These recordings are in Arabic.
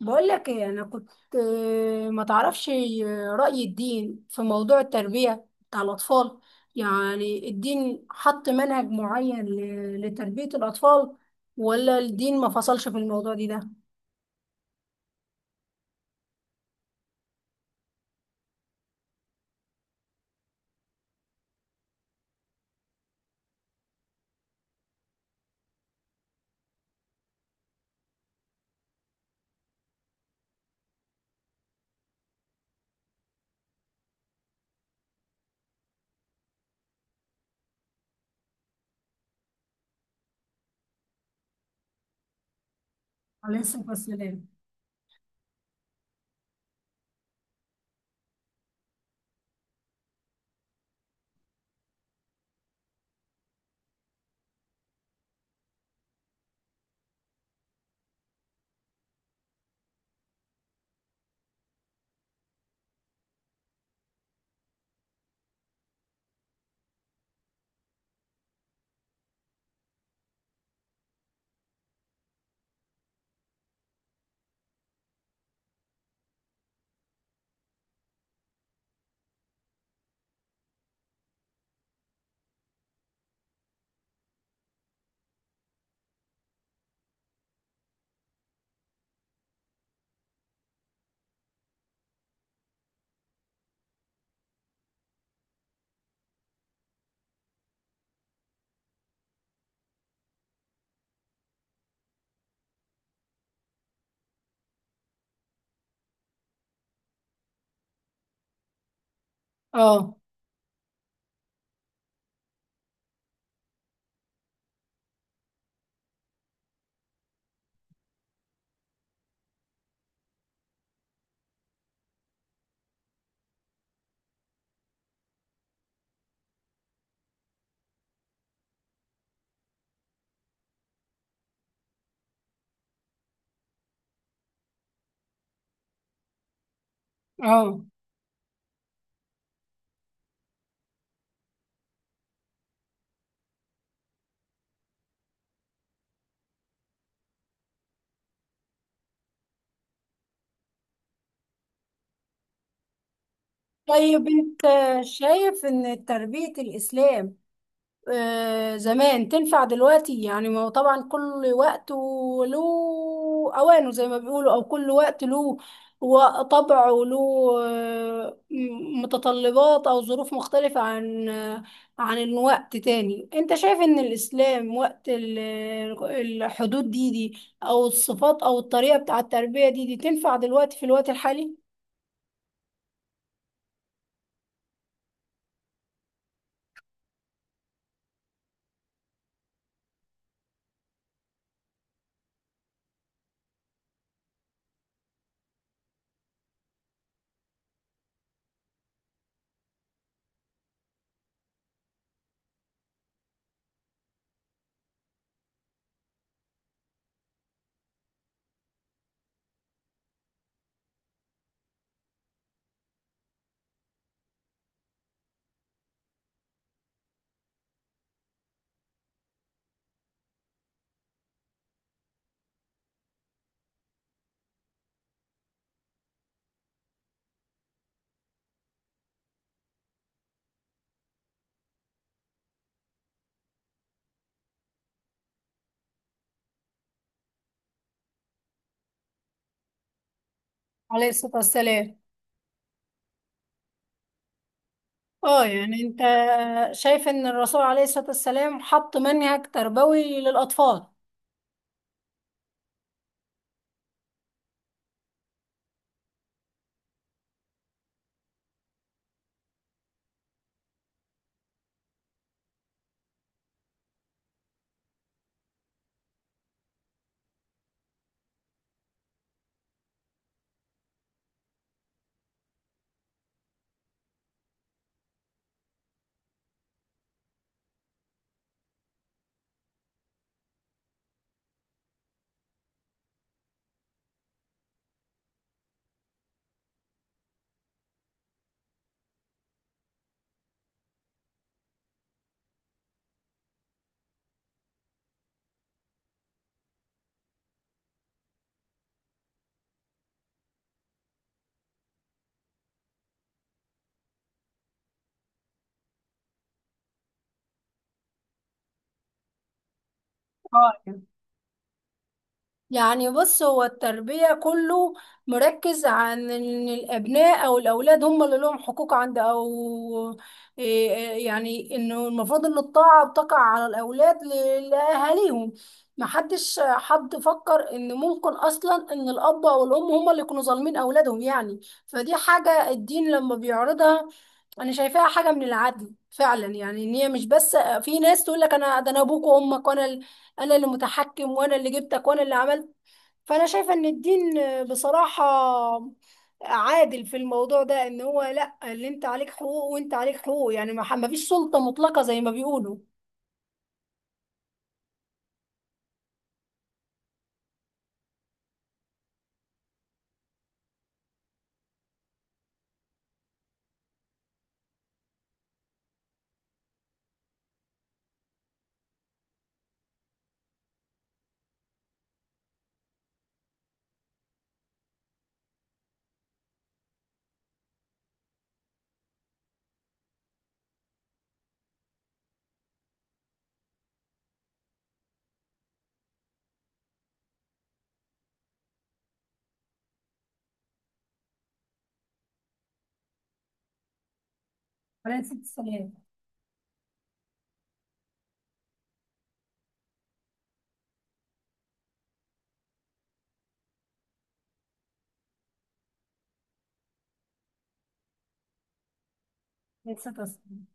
بقول لك ايه؟ انا كنت ما تعرفش رأي الدين في موضوع التربية بتاع الأطفال؟ يعني الدين حط منهج معين لتربية الأطفال، ولا الدين ما فصلش في الموضوع ده؟ عليه الصلاة والسلام. اه. اه. طيب انت شايف ان تربية الاسلام زمان تنفع دلوقتي؟ يعني ما هو طبعا كل وقت له اوانه زي ما بيقولوا، او كل وقت له طبعه له متطلبات او ظروف مختلفة عن عن الوقت تاني. انت شايف ان الاسلام وقت الحدود دي او الصفات او الطريقة بتاع التربية دي تنفع دلوقتي في الوقت الحالي؟ عليه الصلاة والسلام. اه يعني انت شايف ان الرسول عليه الصلاة والسلام حط منهج تربوي للأطفال؟ اه، يعني بص، هو التربية كله مركز عن ان الابناء او الاولاد هم اللي لهم حقوق عند، او إيه يعني انه المفروض ان الطاعة بتقع على الاولاد لاهاليهم. محدش حد فكر ان ممكن اصلا ان الاب او الام هم اللي يكونوا ظالمين اولادهم يعني. فدي حاجة الدين لما بيعرضها انا شايفاها حاجه من العدل فعلا، يعني ان هي مش بس، في ناس تقول لك انا ده انا ابوك وامك وانا انا اللي متحكم وانا اللي جبتك وانا اللي عملت. فانا شايفه ان الدين بصراحه عادل في الموضوع ده، ان هو لا، اللي انت عليك حقوق وانت عليك حقوق، يعني ما فيش سلطه مطلقه زي ما بيقولوا. انا نسيت السلام. نسيت أصلاً.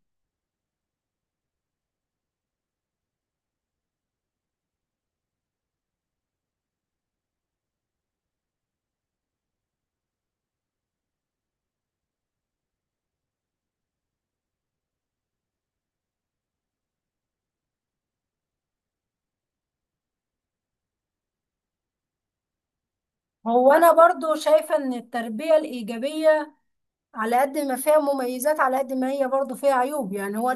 هو انا برضو شايفه ان التربيه الايجابيه على قد ما فيها مميزات، على قد ما هي برضو فيها عيوب، يعني هو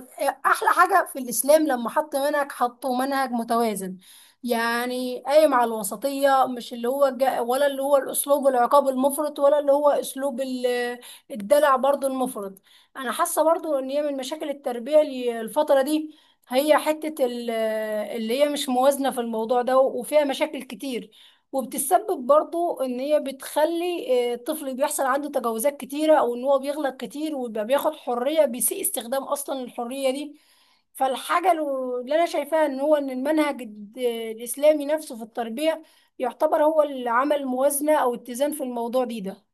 احلى حاجة في الاسلام لما حط منهج، حطه منهج متوازن، يعني قايم على الوسطية، مش اللي هو جا ولا اللي هو الاسلوب العقاب المفرط ولا اللي هو اسلوب الدلع برضو المفرط. انا حاسة برضو ان هي من مشاكل التربية الفترة دي هي حتة اللي هي مش موازنة في الموضوع ده، وفيها مشاكل كتير، وبتسبب برضو ان هي بتخلي الطفل بيحصل عنده تجاوزات كتيرة، او ان هو بيغلط كتير ويبقى بياخد حرية، بيسيء استخدام اصلا الحرية دي. فالحاجة اللي انا شايفاها ان هو ان المنهج الاسلامي نفسه في التربية يعتبر هو اللي عمل موازنة او اتزان في الموضوع ده.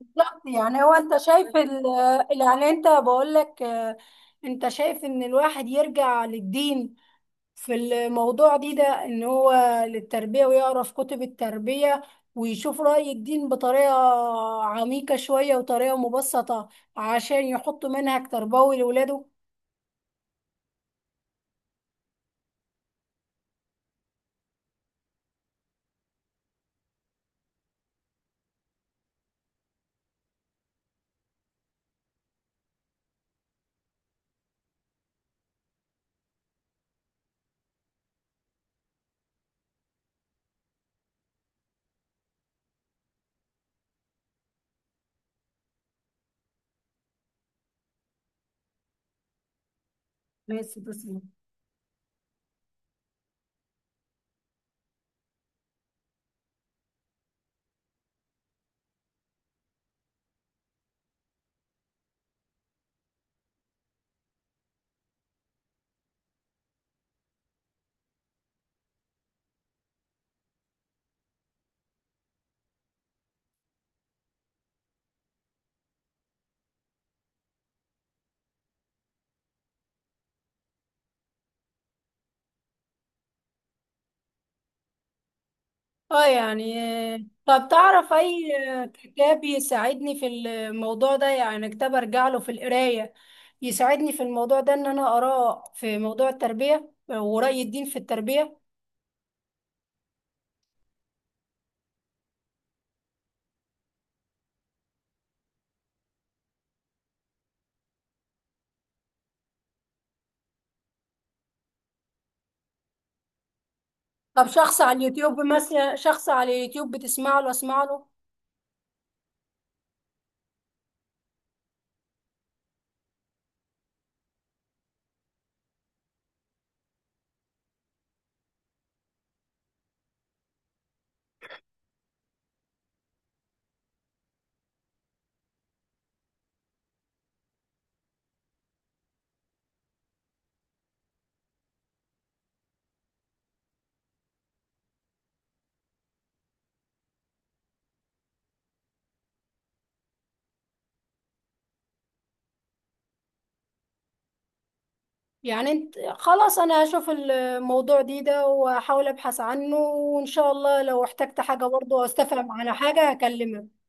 بالظبط. يعني هو انت شايف يعني انت بقول لك، انت شايف ان الواحد يرجع للدين في الموضوع ده، ان هو للتربية، ويقرا في كتب التربية ويشوف رأي الدين بطريقة عميقة شوية وطريقة مبسطة عشان يحط منهج تربوي لولاده؟ بس تسلم. اه يعني، آه، طب تعرف اي كتاب يساعدني في الموضوع ده؟ يعني كتاب ارجع له في القراية يساعدني في الموضوع ده، ان انا اقراه في موضوع التربية ورأي الدين في التربية. طب شخص على اليوتيوب مثلا، شخص على اليوتيوب بتسمع له اسمع له؟ يعني انت خلاص، انا هشوف الموضوع ده واحاول ابحث عنه، وان شاء الله لو احتجت حاجة برضه او استفهم على حاجة هكلمك.